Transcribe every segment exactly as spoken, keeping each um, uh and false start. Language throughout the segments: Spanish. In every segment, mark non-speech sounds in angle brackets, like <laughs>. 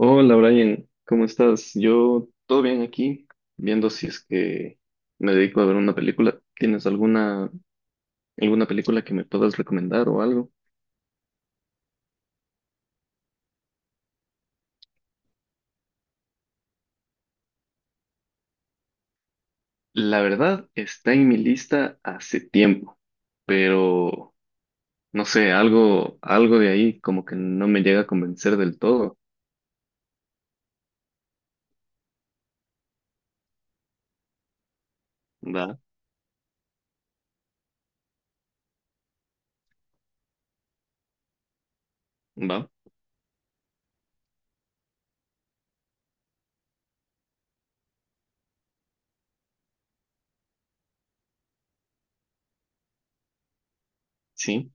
Hola Brian, ¿cómo estás? Yo todo bien aquí, viendo si es que me dedico a ver una película. ¿Tienes alguna, alguna película que me puedas recomendar o algo? La verdad está en mi lista hace tiempo, pero no sé, algo, algo de ahí como que no me llega a convencer del todo. Va, va, sí,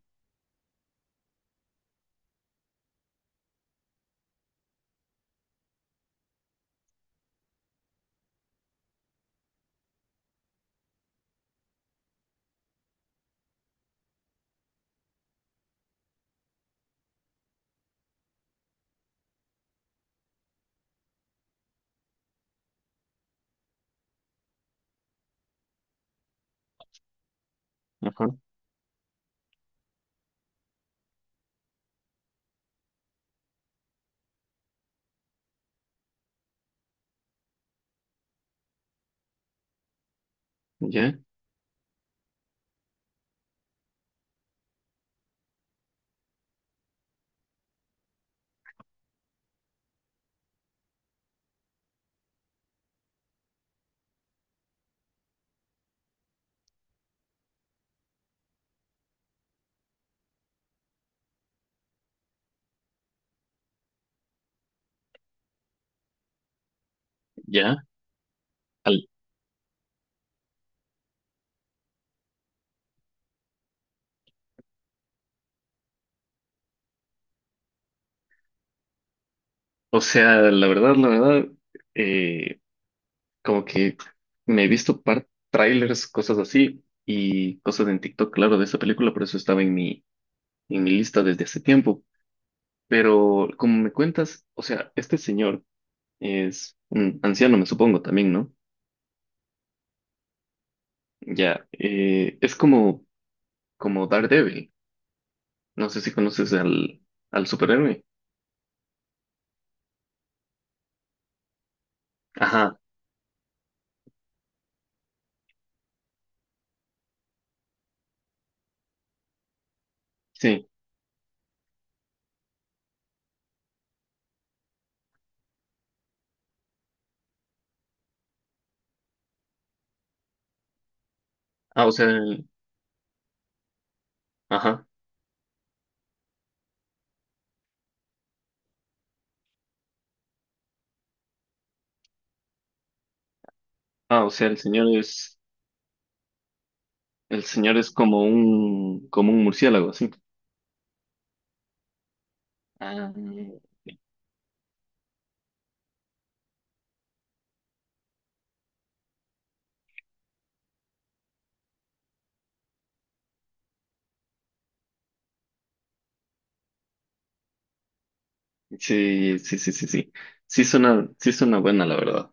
ajá, ya, ya. Al- o sea, la verdad, la verdad, eh, como que me he visto par trailers, cosas así, y cosas en TikTok, claro, de esa película, por eso estaba en mi, en mi lista desde hace tiempo. Pero como me cuentas, o sea, este señor es un anciano, me supongo, también, ¿no? Ya, eh, es como, como Daredevil. No sé si conoces al, al superhéroe. Ajá, sí. Ah, o sea, el- ajá. Ah, o sea, el señor es, el señor es como un, como un murciélago, así. Ah. Sí, sí, sí, sí, sí. Sí suena, sí suena buena, la verdad.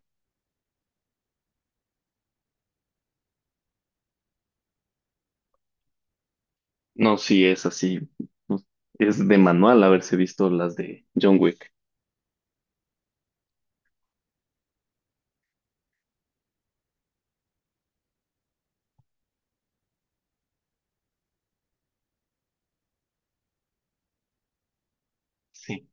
No, sí es así. No, es de manual haberse visto las de John Wick. Sí.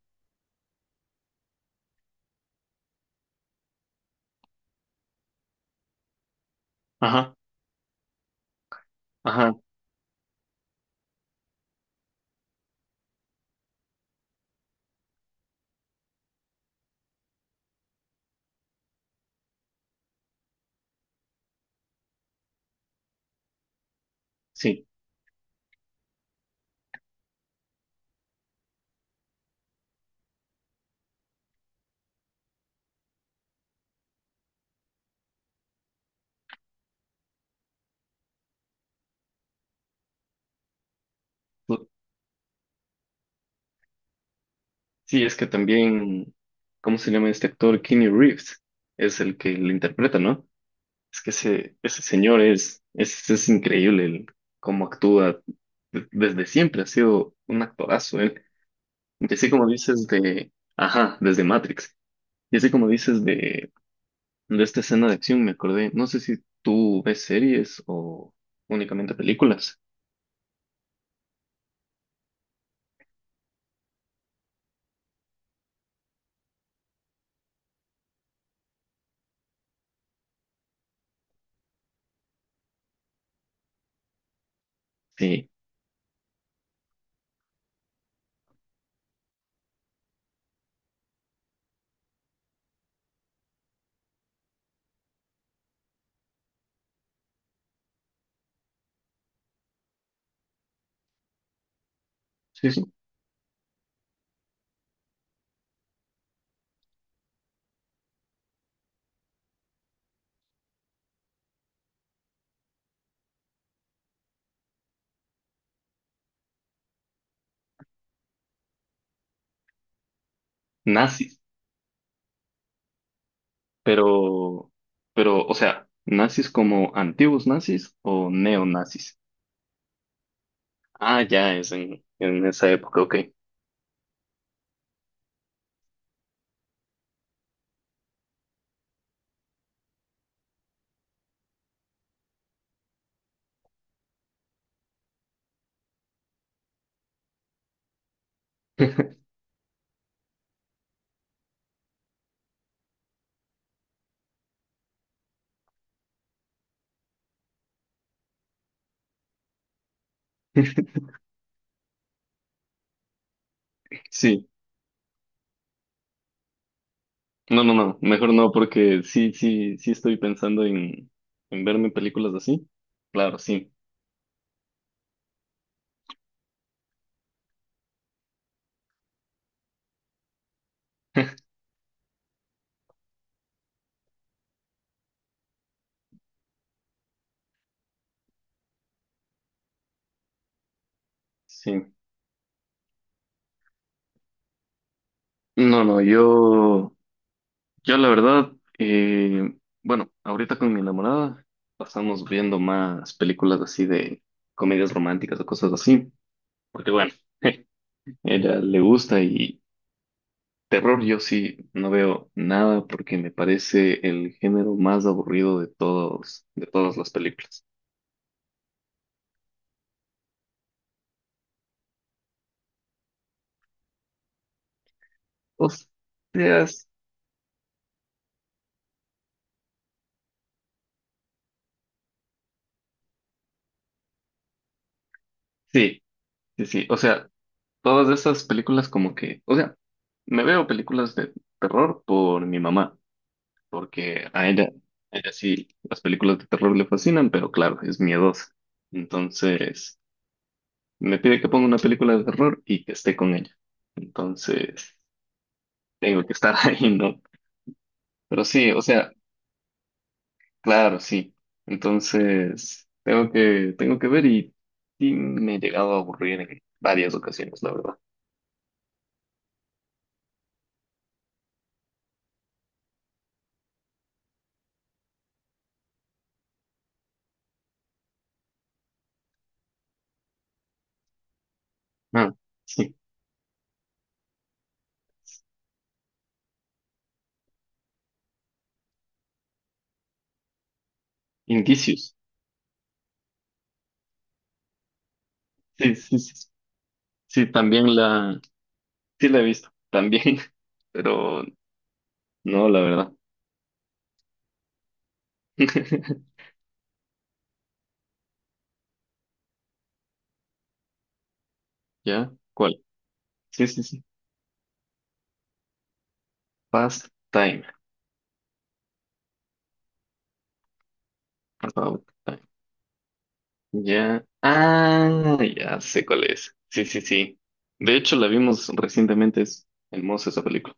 Ajá, ajá, sí. Bu- Sí, es que también, ¿cómo se llama este actor? Keanu Reeves es el que lo interpreta, ¿no? Es que ese, ese señor es, es, es increíble el cómo actúa. De- Desde siempre ha sido un actorazo, él. Y así como dices de, ajá, desde Matrix. Y así como dices de De esta escena de acción me acordé. No sé si tú ves series o únicamente películas. Sí, sí, sí. Nazis, pero, pero, o sea, nazis como antiguos nazis o neonazis. Ah, ya es en, en esa época, ok. <laughs> Sí, no, no, no, mejor no, porque sí, sí, sí estoy pensando en, en verme películas así. Claro, sí, <laughs> sí. No, no, yo. Yo la verdad, eh, bueno, ahorita con mi enamorada pasamos viendo más películas así de comedias románticas o cosas así, porque bueno, <laughs> ella le gusta y terror yo sí no veo nada porque me parece el género más aburrido de todos, de todas las películas. O sea, es- sí, sí, sí, o sea, todas esas películas como que, o sea, me veo películas de terror por mi mamá, porque a ella, a ella sí las películas de terror le fascinan, pero claro, es miedosa. Entonces, me pide que ponga una película de terror y que esté con ella. Entonces, tengo que estar <laughs> ahí, ¿no? Pero sí, o sea, claro, sí. Entonces, tengo que, tengo que ver y, y me he llegado a aburrir en varias ocasiones, la verdad. Ah, sí. Indicios. Sí, sí, sí. Sí, también la, sí la he visto, también, <laughs> pero no, la verdad. <laughs> ¿Ya? ¿Cuál? Sí, sí, sí. Past time. About time. Ya. Ah, ya sé cuál es. Sí, sí, sí. De hecho, la vimos recientemente. Es hermosa esa película.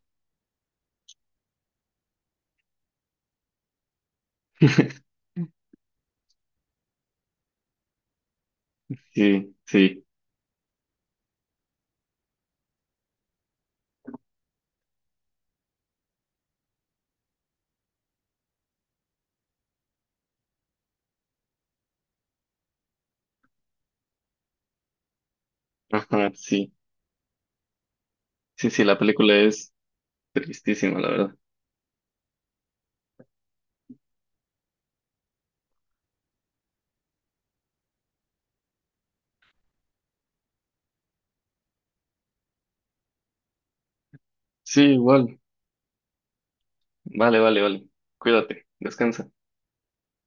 <laughs> Sí, sí. Ajá, sí. Sí, sí, la película es tristísima, la verdad. Sí, igual. Vale, vale, vale. Cuídate. Descansa.